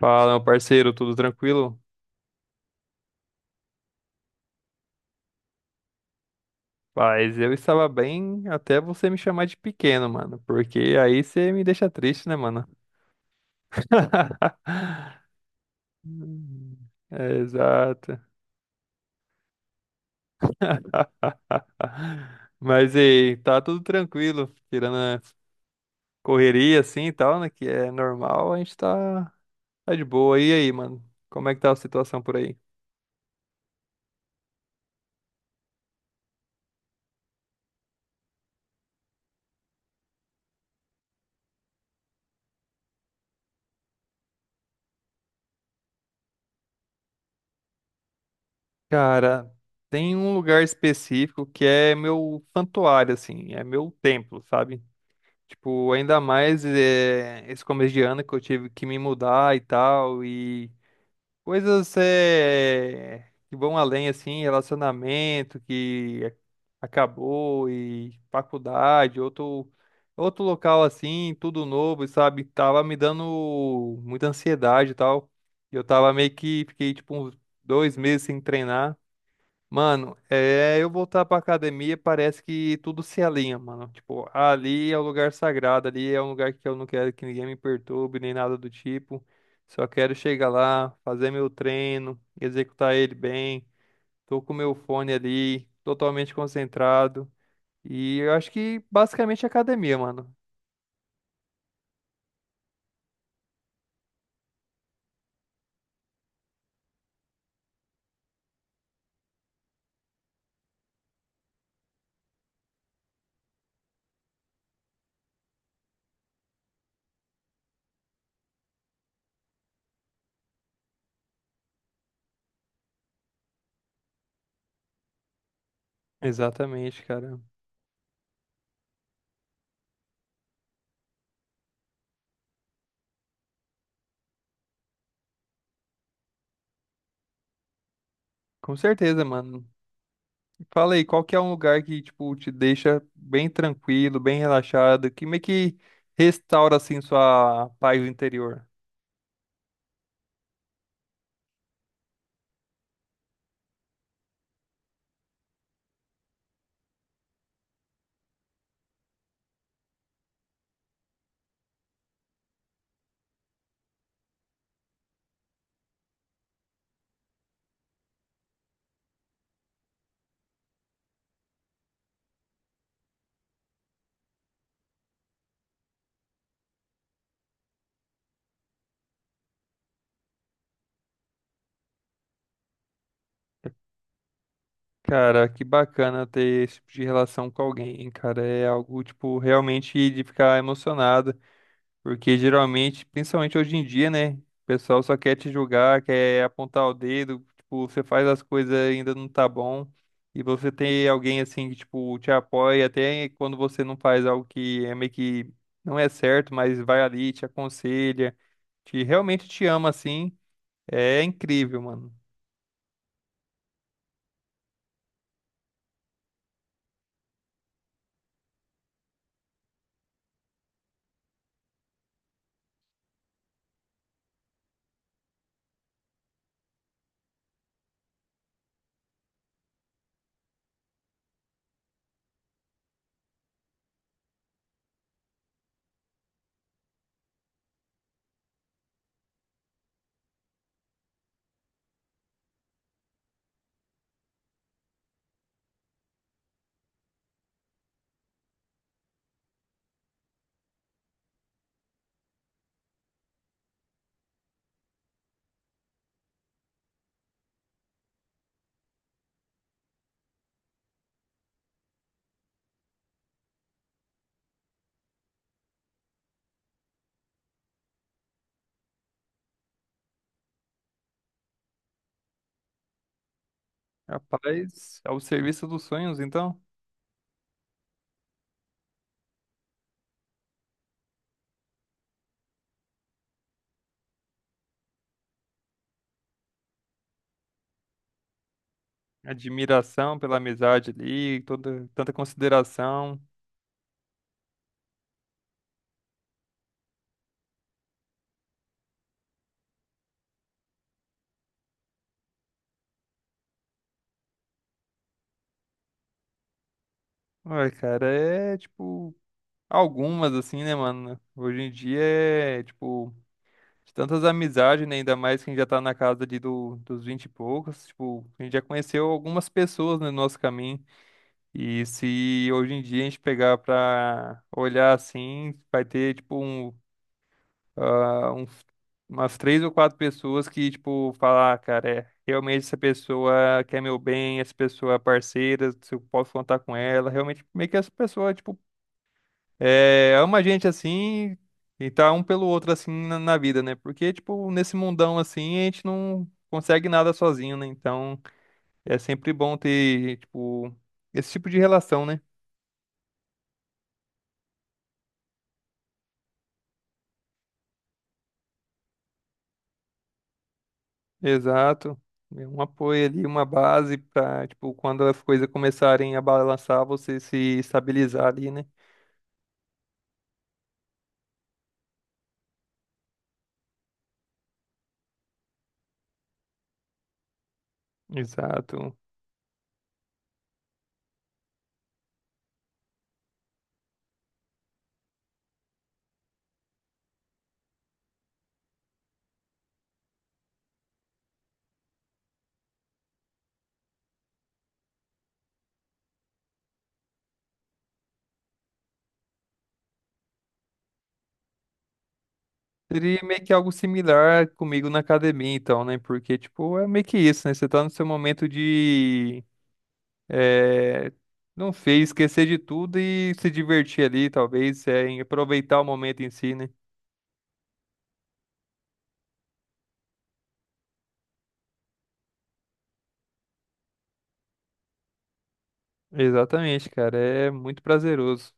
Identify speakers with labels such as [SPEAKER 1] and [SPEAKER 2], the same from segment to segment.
[SPEAKER 1] Fala, meu parceiro, tudo tranquilo? Paz, eu estava bem até você me chamar de pequeno, mano, porque aí você me deixa triste, né, mano? Hum, é, exato. Mas aí, tá tudo tranquilo, tirando a correria assim e tal, né, que é normal, a gente tá de boa. E aí, mano, como é que tá a situação por aí? Cara, tem um lugar específico que é meu santuário, assim, é meu templo, sabe? Tipo, ainda mais esse começo de ano que eu tive que me mudar e tal, e coisas que vão além, assim, relacionamento que acabou, e faculdade, outro local assim, tudo novo, sabe? Tava me dando muita ansiedade e tal. E eu tava meio que fiquei tipo uns dois meses sem treinar. Mano, é, eu voltar pra academia parece que tudo se alinha, mano. Tipo, ali é o lugar sagrado, ali é um lugar que eu não quero que ninguém me perturbe, nem nada do tipo. Só quero chegar lá, fazer meu treino, executar ele bem. Tô com meu fone ali, totalmente concentrado. E eu acho que basicamente é academia, mano. Exatamente, cara. Com certeza, mano. Fala aí, qual que é um lugar que, tipo, te deixa bem tranquilo, bem relaxado, que meio que restaura, assim, sua paz interior? Cara, que bacana ter esse tipo de relação com alguém, cara. É algo, tipo, realmente de ficar emocionado. Porque geralmente, principalmente hoje em dia, né? O pessoal só quer te julgar, quer apontar o dedo, tipo, você faz as coisas e ainda não tá bom. E você tem alguém assim que, tipo, te apoia até quando você não faz algo que é meio que não é certo, mas vai ali, te aconselha, te realmente te ama assim. É incrível, mano. Rapaz, ao serviço dos sonhos, então. Admiração pela amizade ali, toda, tanta consideração. Ai, cara, é tipo. Algumas, assim, né, mano? Hoje em dia é, tipo, de tantas amizades, né? Ainda mais quem já tá na casa dos 20 e poucos. Tipo, a gente já conheceu algumas pessoas né, no nosso caminho. E se hoje em dia a gente pegar pra olhar assim, vai ter, tipo, ah, um- umas três ou quatro pessoas que, tipo, falar, "Ah, cara, é, realmente essa pessoa quer meu bem, essa pessoa é parceira, se eu posso contar com ela. Realmente, meio que essa pessoa, tipo, é, ama a gente assim e tá um pelo outro assim na vida, né? Porque, tipo, nesse mundão assim, a gente não consegue nada sozinho, né? Então é sempre bom ter, tipo, esse tipo de relação, né? Exato. Um apoio ali, uma base pra, tipo, quando as coisas começarem a balançar, você se estabilizar ali, né? Exato. Seria meio que algo similar comigo na academia, então, né? Porque, tipo, é meio que isso, né? Você tá no seu momento de É, não sei, esquecer de tudo e se divertir ali, talvez, é, em aproveitar o momento em si, né? Exatamente, cara, é muito prazeroso.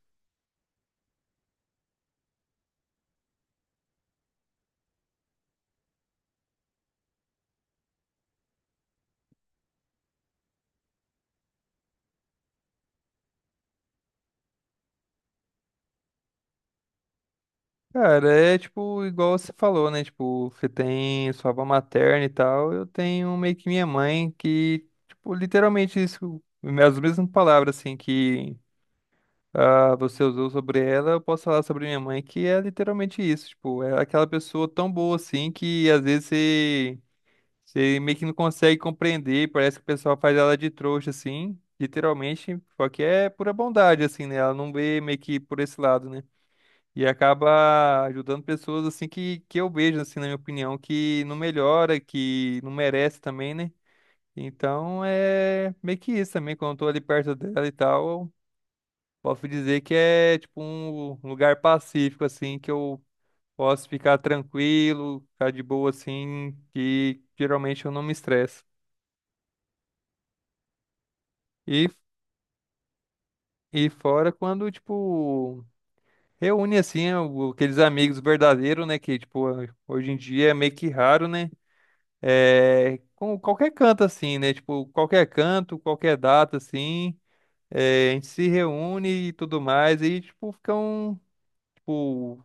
[SPEAKER 1] Cara, é tipo, igual você falou, né? Tipo, você tem sua avó materna e tal, eu tenho meio que minha mãe que, tipo, literalmente isso, as mesmas palavras, assim, que você usou sobre ela, eu posso falar sobre minha mãe, que é literalmente isso, tipo, é aquela pessoa tão boa, assim, que às vezes você. Meio que não consegue compreender, parece que o pessoal faz ela de trouxa, assim, literalmente, só que é pura bondade, assim, né? Ela não vê meio que por esse lado, né? E acaba ajudando pessoas, assim, que eu vejo, assim, na minha opinião, que não melhora, que não merece também, né? Então é meio que isso também, quando eu tô ali perto dela e tal, eu posso dizer que é, tipo, um lugar pacífico, assim, que eu posso ficar tranquilo, ficar de boa, assim, que geralmente eu não me estresso. E E fora quando, tipo, reúne assim aqueles amigos verdadeiros, né? Que, tipo, hoje em dia é meio que raro, né? É, com qualquer canto assim, né? Tipo, qualquer canto, qualquer data assim, é, a gente se reúne e tudo mais, e tipo, fica um, tipo,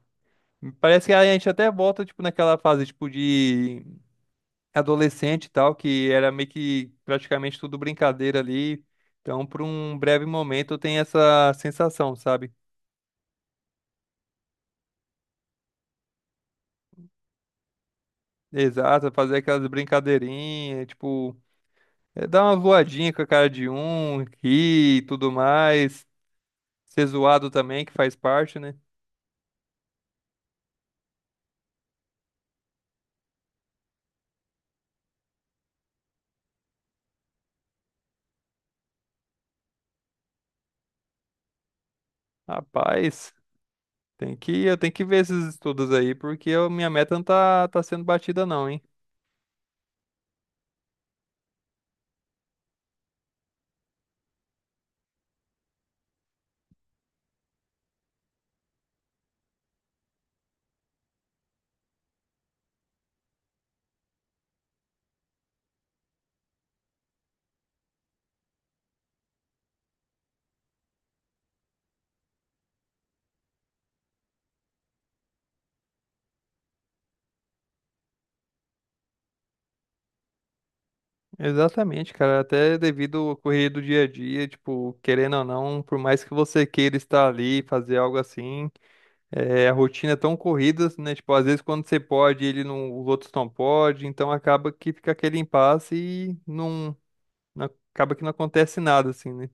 [SPEAKER 1] parece que a gente até volta, tipo, naquela fase, tipo, de adolescente e tal, que era meio que praticamente tudo brincadeira ali. Então, por um breve momento, tem essa sensação, sabe? Exato, fazer aquelas brincadeirinhas, tipo, é, dar uma voadinha com a cara de um, rir e tudo mais, ser zoado também, que faz parte, né? Rapaz, tem que, eu tenho que ver esses estudos aí, porque minha meta não tá sendo batida não, hein? Exatamente, cara, até devido ao correr do dia a dia, tipo, querendo ou não, por mais que você queira estar ali, fazer algo assim, é, a rotina é tão corrida, né? Tipo, às vezes quando você pode, ele não, os outros não podem, então acaba que fica aquele impasse e não- acaba que não acontece nada, assim, né?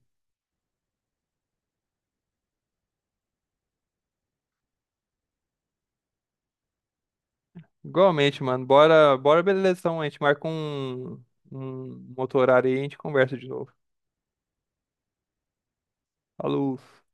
[SPEAKER 1] Igualmente, mano, bora, bora, beleza, então, a gente marca um outro horário aí e a gente conversa de novo. Falou!